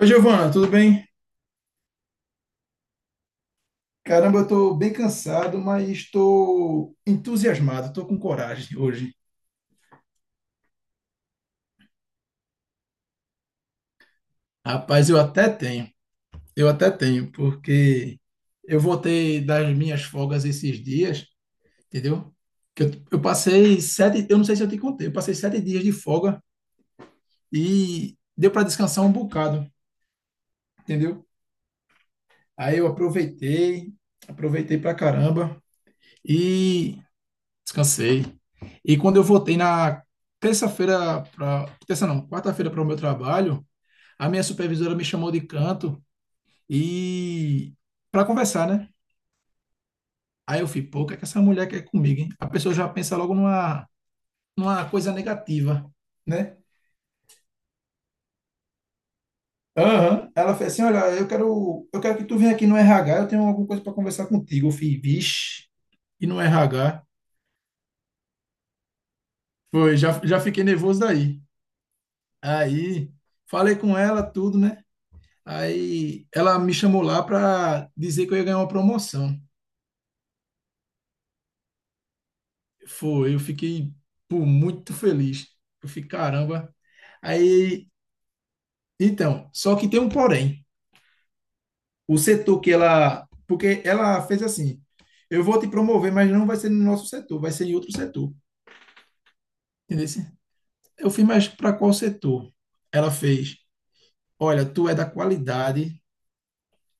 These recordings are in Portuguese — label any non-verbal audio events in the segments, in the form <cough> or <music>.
Oi, Giovana, tudo bem? Caramba, eu tô bem cansado, mas estou entusiasmado, estou com coragem <laughs> hoje. Rapaz, eu até tenho, porque eu voltei das minhas folgas esses dias, entendeu? Que eu passei sete, eu não sei se eu te contei, eu passei 7 dias de folga e deu para descansar um bocado, entendeu? Aí eu aproveitei, aproveitei pra caramba e descansei. E quando eu voltei na terça-feira para, terça não, quarta-feira para o meu trabalho, a minha supervisora me chamou de canto e para conversar, né? Aí eu fui, pô, o que é que essa mulher quer comigo, hein? A pessoa já pensa logo numa coisa negativa, né? Aham. Ela fez assim, olha, eu quero que tu venha aqui no RH, eu tenho alguma coisa para conversar contigo. Eu fui, vixe, e no RH, foi, já fiquei nervoso daí. Aí, falei com ela, tudo, né? Aí ela me chamou lá para dizer que eu ia ganhar uma promoção. Foi, eu fiquei, pô, muito feliz. Eu fiquei, caramba. Aí, então, só que tem um porém. O setor que ela, porque ela fez assim, eu vou te promover, mas não vai ser no nosso setor, vai ser em outro setor. Entendeu? Eu fiz, mas para qual setor? Ela fez, olha, tu é da qualidade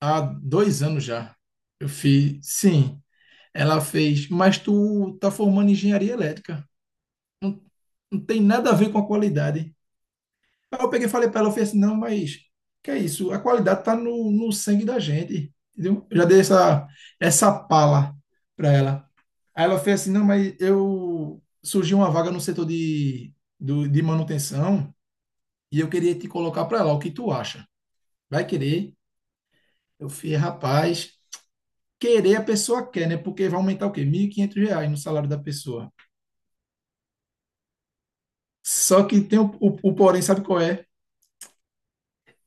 há 2 anos já. Eu fiz, sim. Ela fez, mas tu tá formando engenharia elétrica. Não, não tem nada a ver com a qualidade. Aí eu peguei e falei para ela, eu falei assim, não, mas que é isso? A qualidade está no, sangue da gente, entendeu? Eu já dei essa pala para ela. Aí ela fez assim, não, mas eu surgiu uma vaga no setor de manutenção e eu queria te colocar para lá, o que tu acha? Vai querer? Eu falei, rapaz, querer a pessoa quer, né? Porque vai aumentar o quê? Mil e quinhentos reais no salário da pessoa. Só que tem o porém, sabe qual é?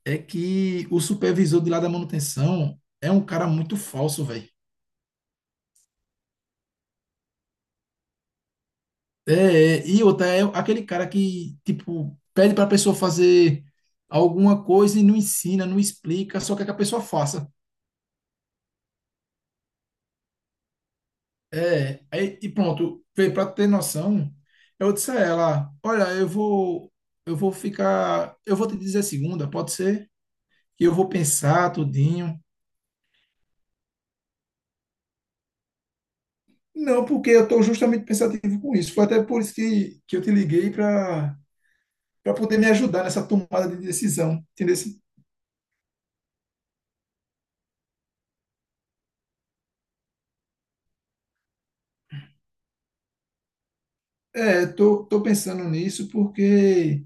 É que o supervisor de lá da manutenção é um cara muito falso, velho. É, e outra, é aquele cara que, tipo, pede pra pessoa fazer alguma coisa e não ensina, não explica, só quer que a pessoa faça. É, aí, e pronto, vê, pra ter noção, eu disse a ela, olha, eu vou ficar, eu vou te dizer segunda, pode ser? E eu vou pensar tudinho. Não, porque eu tô justamente pensativo com isso. Foi até por isso que eu te liguei pra para poder me ajudar nessa tomada de decisão, entendeu? É, tô pensando nisso porque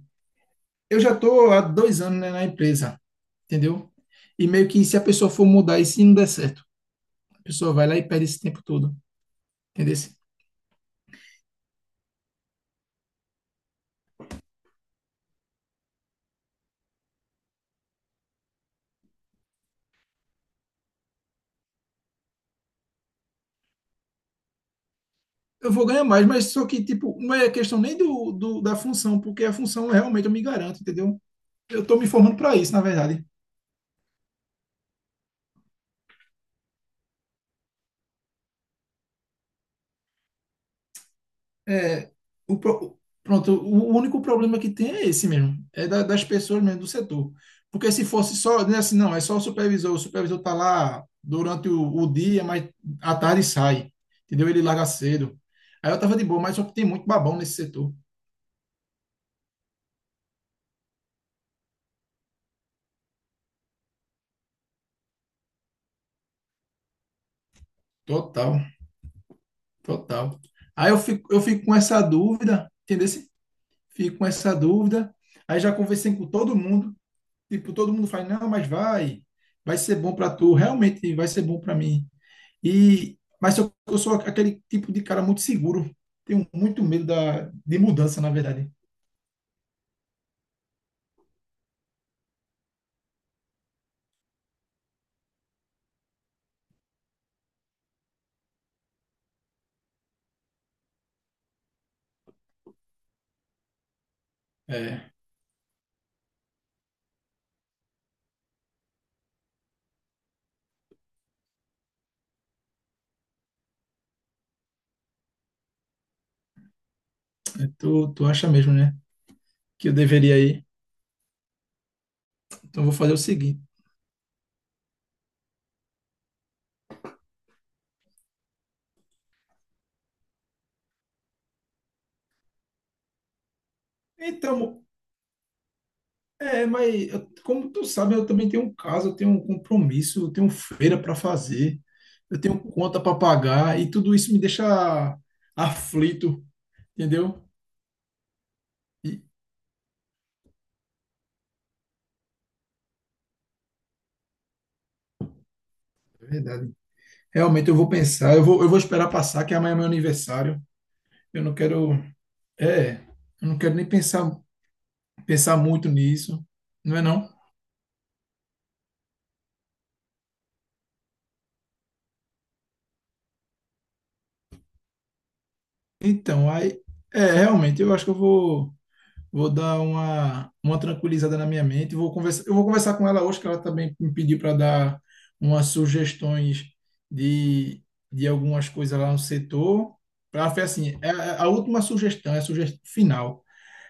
eu já tô há 2 anos, né, na empresa, entendeu? E meio que se a pessoa for mudar e se não der certo, a pessoa vai lá e perde esse tempo todo, entendeu? Eu vou ganhar mais, mas só que, tipo, não é questão nem do, do da função, porque a função realmente eu me garanto, entendeu? Eu tô me formando para isso, na verdade. É, pronto, o único problema que tem é esse mesmo, é das pessoas mesmo, do setor. Porque se fosse só, né, assim, não, é só o supervisor está lá durante o dia, mas à tarde sai, entendeu? Ele larga cedo. Aí eu tava de boa, mas só que tem muito babão nesse setor. Total, total. Aí eu fico com essa dúvida, entendeu? Fico com essa dúvida. Aí já conversei com todo mundo, tipo, todo mundo fala, não, mas vai ser bom para tu, realmente vai ser bom para mim. E, mas eu sou aquele tipo de cara muito seguro. Tenho muito medo de mudança, na verdade. É, tu acha mesmo, né? Que eu deveria ir. Então eu vou fazer o seguinte. Então, é, como tu sabe, eu também tenho um caso, eu tenho um compromisso, eu tenho feira para fazer, eu tenho conta para pagar e tudo isso me deixa aflito, entendeu? E, é verdade. Realmente eu vou pensar, eu vou esperar passar, que amanhã é meu aniversário. Eu não quero, é, eu não quero nem pensar muito nisso, não é não? Então, aí, é, realmente, eu acho que eu vou dar uma tranquilizada na minha mente, eu vou conversar com ela hoje, que ela também me pediu para dar umas sugestões de, de algumas coisas lá no setor. Ela fez assim, é a última sugestão, é a sugestão final.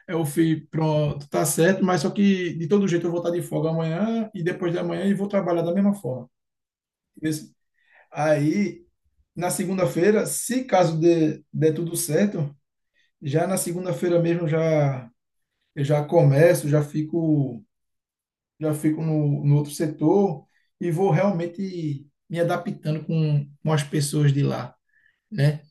Eu fui, pronto, tá certo, mas só que de todo jeito eu vou estar de folga amanhã e depois de amanhã e vou trabalhar da mesma forma. Entendeu? Aí na segunda-feira, se caso dê tudo certo, já na segunda-feira mesmo já eu já começo, já fico no outro setor e vou realmente me adaptando com as pessoas de lá, né?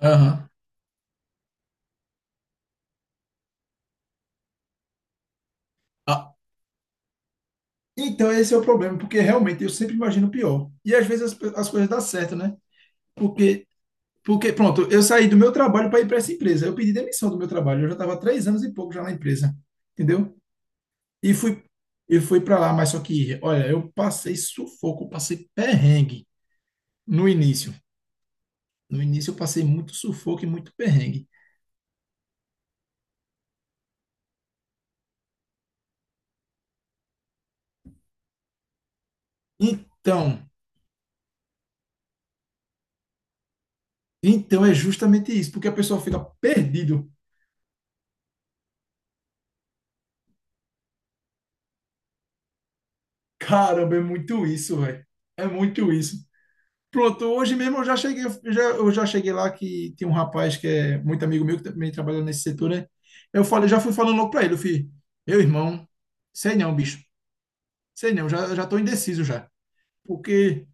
Aham. Ah, então esse é o problema, porque realmente eu sempre imagino o pior. E às vezes as coisas dão certo, né? Porque porque pronto, eu saí do meu trabalho para ir para essa empresa. Eu pedi demissão do meu trabalho. Eu já estava há 3 anos e pouco já na empresa, entendeu? E fui, e fui para lá, mas só que, olha, eu passei sufoco, eu passei perrengue no início. No início eu passei muito sufoco e muito perrengue. Então, então é justamente isso, porque a pessoa fica perdido. Caramba, é muito isso, velho. É muito isso. Pronto, hoje mesmo eu já cheguei lá que tem um rapaz que é muito amigo meu que também trabalha nesse setor, né? Eu falei, já fui falando logo para ele, eu falei, meu irmão, sei não, bicho. Sei não, já tô indeciso já. Porque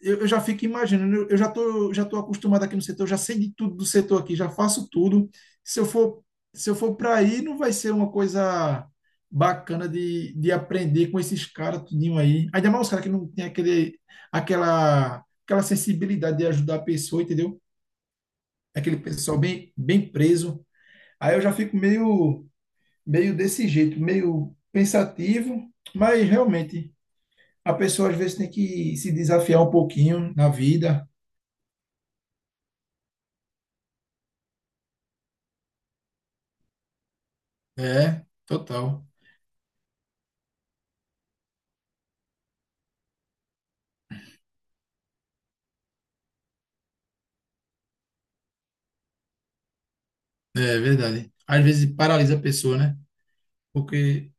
eu já fico imaginando, eu já tô acostumado aqui no setor, eu já sei de tudo do setor aqui, já faço tudo. Se eu for, se eu for para aí, não vai ser uma coisa bacana de aprender com esses caras tudinho aí. Ainda mais os caras que não tem aquela sensibilidade de ajudar a pessoa, entendeu? Aquele pessoal bem, bem preso. Aí eu já fico meio desse jeito, meio pensativo, mas realmente a pessoa às vezes tem que se desafiar um pouquinho na vida. É, total. É verdade. Às vezes paralisa a pessoa, né? Porque,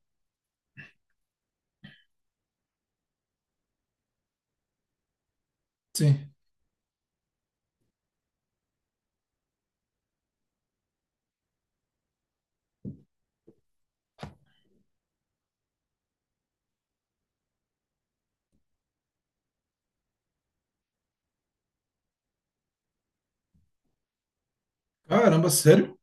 sim. Caramba, sério?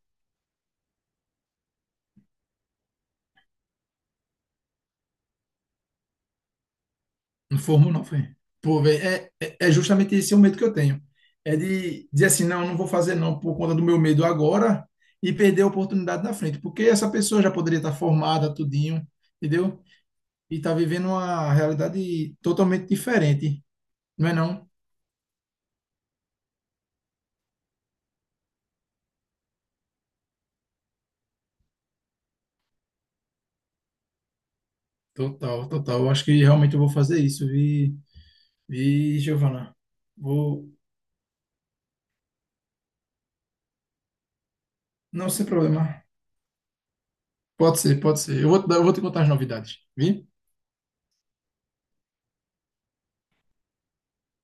Não formou, não, foi. Pô, velho, é justamente esse o medo que eu tenho. É de dizer assim, não, não vou fazer não por conta do meu medo agora e perder a oportunidade na frente. Porque essa pessoa já poderia estar formada, tudinho, entendeu? E tá vivendo uma realidade totalmente diferente. Não é não? Total, total. Eu acho que realmente eu vou fazer isso, vi, vi, Giovana. Vou. Não, sem problema. Pode ser, pode ser. Eu vou te contar as novidades, vi?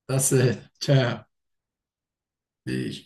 Tá certo. Tchau. Beijo.